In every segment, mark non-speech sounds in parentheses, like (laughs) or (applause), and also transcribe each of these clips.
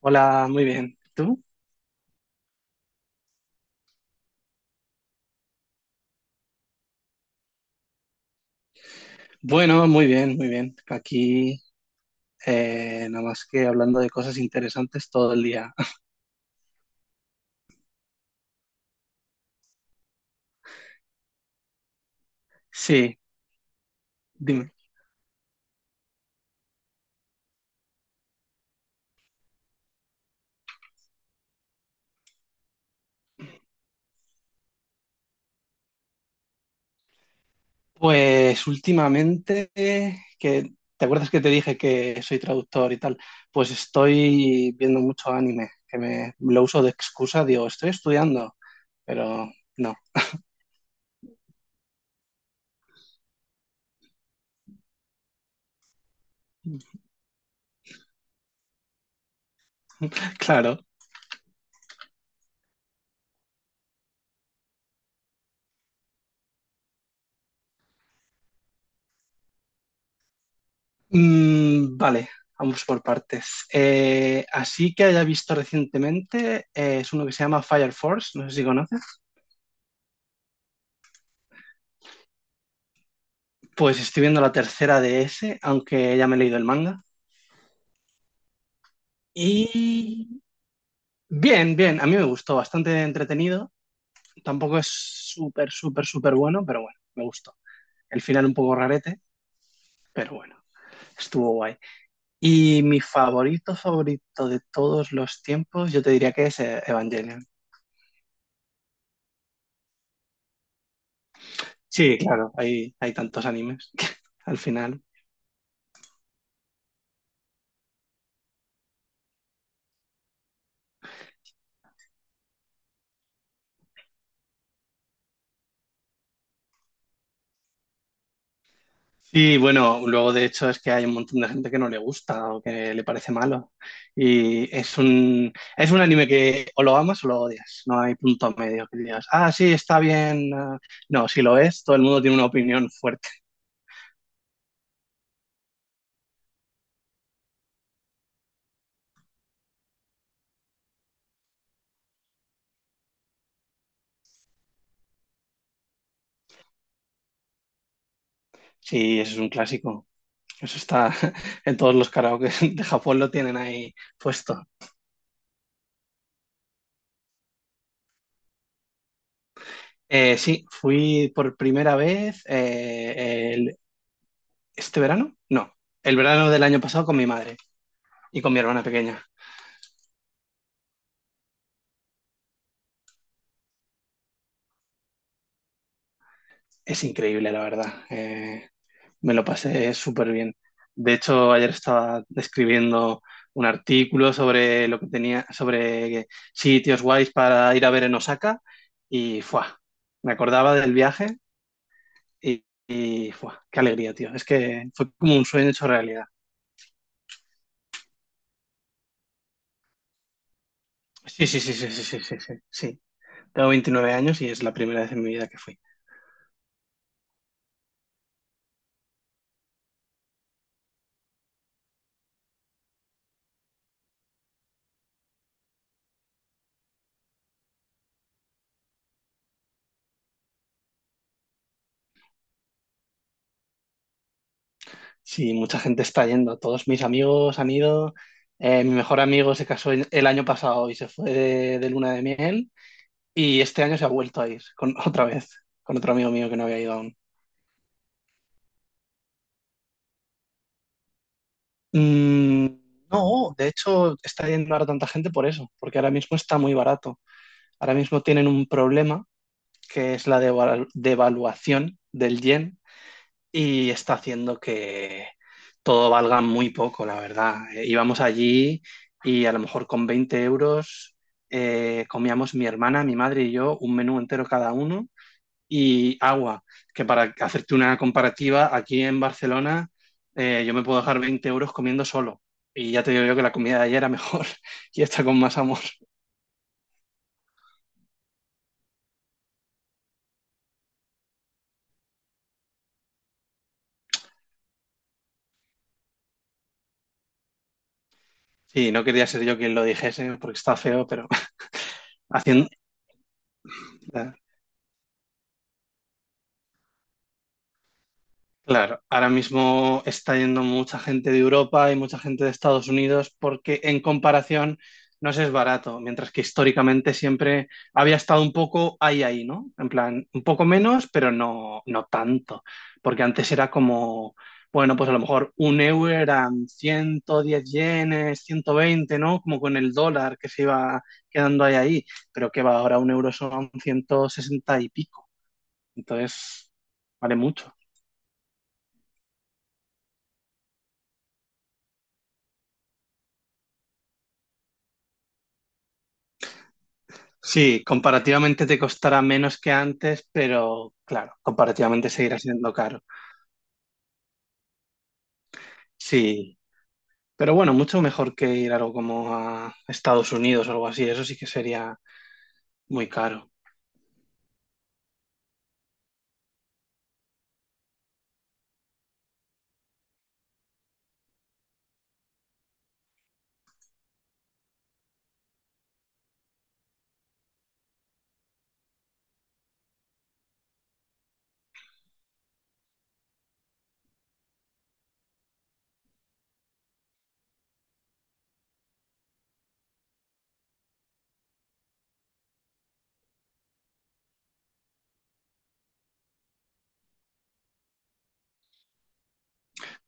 Hola, muy bien. ¿Tú? Bueno, muy bien, muy bien. Aquí, nada más que hablando de cosas interesantes todo el día. (laughs) Sí, dime. Pues últimamente, que, ¿te acuerdas que te dije que soy traductor y tal? Pues estoy viendo mucho anime, que me lo uso de excusa, digo, estoy estudiando, pero no. (laughs) Claro. Mm, vale, vamos por partes. Así que haya visto recientemente, es uno que se llama Fire Force, no sé si conoces. Pues estoy viendo la tercera de ese, aunque ya me he leído el manga. Y bien, bien, a mí me gustó, bastante entretenido. Tampoco es súper, súper, súper bueno, pero bueno, me gustó. El final un poco rarete, pero bueno, estuvo guay. Y mi favorito, favorito de todos los tiempos, yo te diría que es Evangelion. Sí, claro, hay tantos animes que (laughs) al final sí, bueno, luego de hecho es que hay un montón de gente que no le gusta o que le parece malo. Y es es un anime que o lo amas o lo odias. No hay punto medio que digas, ah, sí, está bien. Ah". No, si lo es, todo el mundo tiene una opinión fuerte. Sí, eso es un clásico. Eso está (laughs) en todos los karaoke de Japón lo tienen ahí puesto. Sí, fui por primera vez este verano, no, el verano del año pasado con mi madre y con mi hermana pequeña. Es increíble, la verdad. Me lo pasé súper bien. De hecho, ayer estaba escribiendo un artículo sobre lo que tenía, sobre sitios guays para ir a ver en Osaka y ¡fua! Me acordaba del viaje y ¡fua! Qué alegría, tío. Es que fue como un sueño hecho realidad. Sí, sí, sí, sí, sí, sí, sí, sí, sí. Tengo 29 años y es la primera vez en mi vida que fui. Sí, mucha gente está yendo. Todos mis amigos han ido. Mi mejor amigo se casó el año pasado y se fue de luna de miel. Y este año se ha vuelto a ir con, (laughs) otra vez, con otro amigo mío que no había ido aún. Mm, no, de hecho está yendo ahora tanta gente por eso, porque ahora mismo está muy barato. Ahora mismo tienen un problema que es la devaluación del yen y está haciendo que todo valga muy poco, la verdad. Íbamos allí y a lo mejor con 20 euros comíamos mi hermana, mi madre y yo un menú entero cada uno y agua, que para hacerte una comparativa, aquí en Barcelona, yo me puedo dejar 20 euros comiendo solo. Y ya te digo yo que la comida de ayer era mejor (laughs) y está con más amor. Sí, no quería ser yo quien lo dijese porque está feo, pero (laughs) haciendo, claro, ahora mismo está yendo mucha gente de Europa y mucha gente de Estados Unidos porque en comparación no se es barato, mientras que históricamente siempre había estado un poco ahí ahí, ¿no? En plan, un poco menos, pero no, no tanto, porque antes era como, bueno, pues a lo mejor un euro eran 110 yenes, 120, ¿no? Como con el dólar, que se iba quedando ahí ahí, pero que va, ahora un euro son 160 y pico, entonces vale mucho. Sí, comparativamente te costará menos que antes, pero claro, comparativamente seguirá siendo caro. Sí, pero bueno, mucho mejor que ir algo como a Estados Unidos o algo así, eso sí que sería muy caro.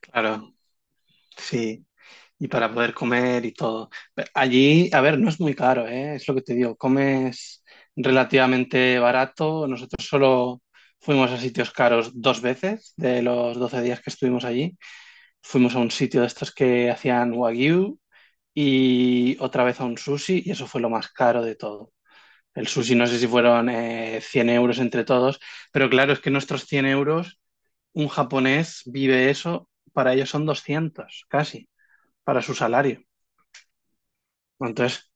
Claro, sí, y para poder comer y todo. Pero allí, a ver, no es muy caro, ¿eh? Es lo que te digo, comes relativamente barato. Nosotros solo fuimos a sitios caros dos veces de los 12 días que estuvimos allí. Fuimos a un sitio de estos que hacían wagyu y otra vez a un sushi y eso fue lo más caro de todo. El sushi no sé si fueron 100 euros entre todos, pero claro, es que nuestros 100 euros, un japonés vive eso, para ellos son 200 casi, para su salario. Entonces,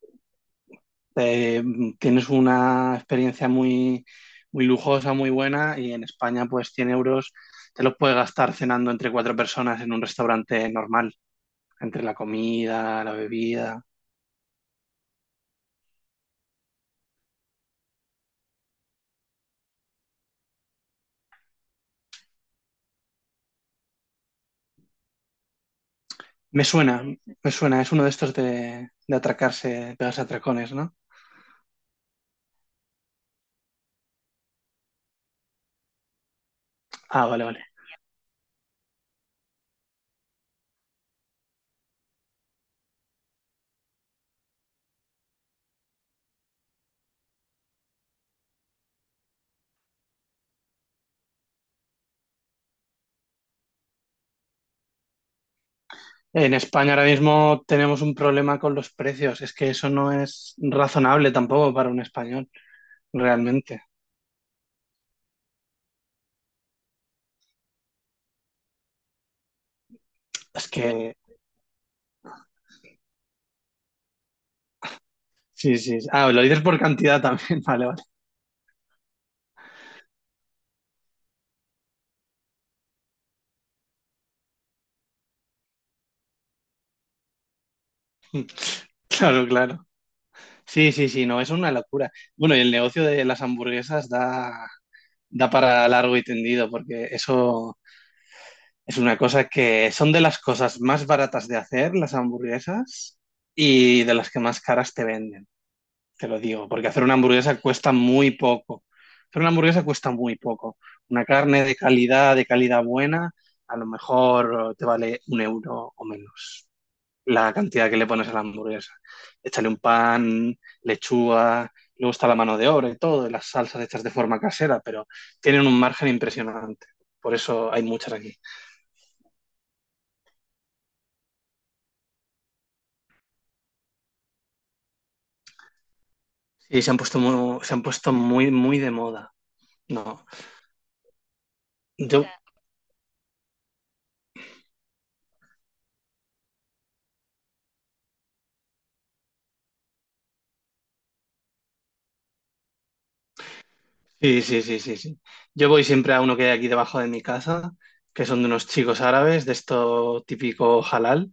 eh, tienes una experiencia muy, muy lujosa, muy buena, y en España pues 100 euros te los puedes gastar cenando entre cuatro personas en un restaurante normal, entre la comida, la bebida. Me suena, me suena, es uno de estos de atracarse, pegarse atracones, ¿no? Ah, vale, vale. En España ahora mismo tenemos un problema con los precios, es que eso no es razonable tampoco para un español, realmente. Es que, sí, sí, ah, lo dices por cantidad también, (laughs) vale, vale, claro, claro. Sí, sí, sí, no, es una locura. Bueno, y el negocio de las hamburguesas da, da para largo y tendido, porque eso... es una cosa que son de las cosas más baratas de hacer, las hamburguesas, y de las que más caras te venden, te lo digo, porque hacer una hamburguesa cuesta muy poco. Hacer una hamburguesa cuesta muy poco. Una carne de calidad buena, a lo mejor te vale un euro o menos la cantidad que le pones a la hamburguesa. Échale un pan, lechuga, luego está la mano de obra y todo, y las salsas hechas de forma casera, pero tienen un margen impresionante. Por eso hay muchas aquí. Sí, se han puesto muy, se han puesto muy, muy de moda. No, yo, ya, sí, sí, sí, sí, sí. Yo voy siempre a uno que hay aquí debajo de mi casa, que son de unos chicos árabes, de esto típico halal,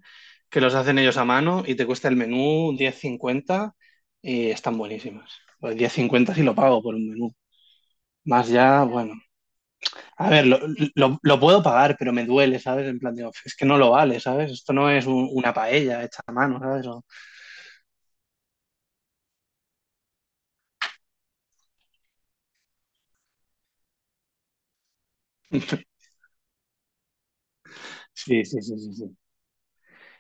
que los hacen ellos a mano y te cuesta el menú 10,50 y están buenísimas. Pues 10,50 sí lo pago por un menú. Más ya, ya, bueno. A ver, sí, lo puedo pagar, pero me duele, ¿sabes? En plan, digo, es que no lo vale, ¿sabes? Esto no es una paella hecha a mano, ¿sabes? O (laughs) sí, sí, sí, sí, sí.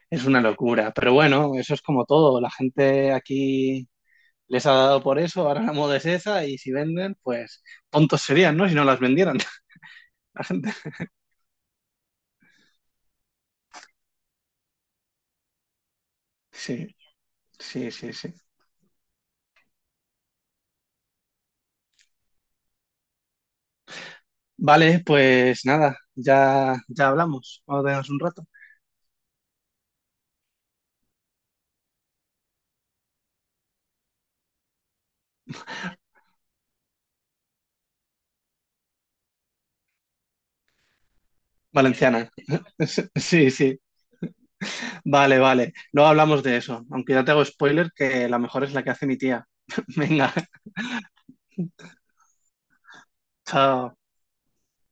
Es una locura, pero bueno, eso es como todo. La gente aquí les ha dado por eso, ahora la moda es esa y si venden, pues tontos serían, ¿no? Si no las vendieran (laughs) la gente. Sí, sí, sí, sí. Vale, pues nada, ya, ya hablamos. Vamos a un rato. Valenciana. (laughs) Sí, sí. Vale, vale. Luego hablamos de eso. Aunque ya te hago spoiler que la mejor es la que hace mi tía. (laughs) Venga, chao.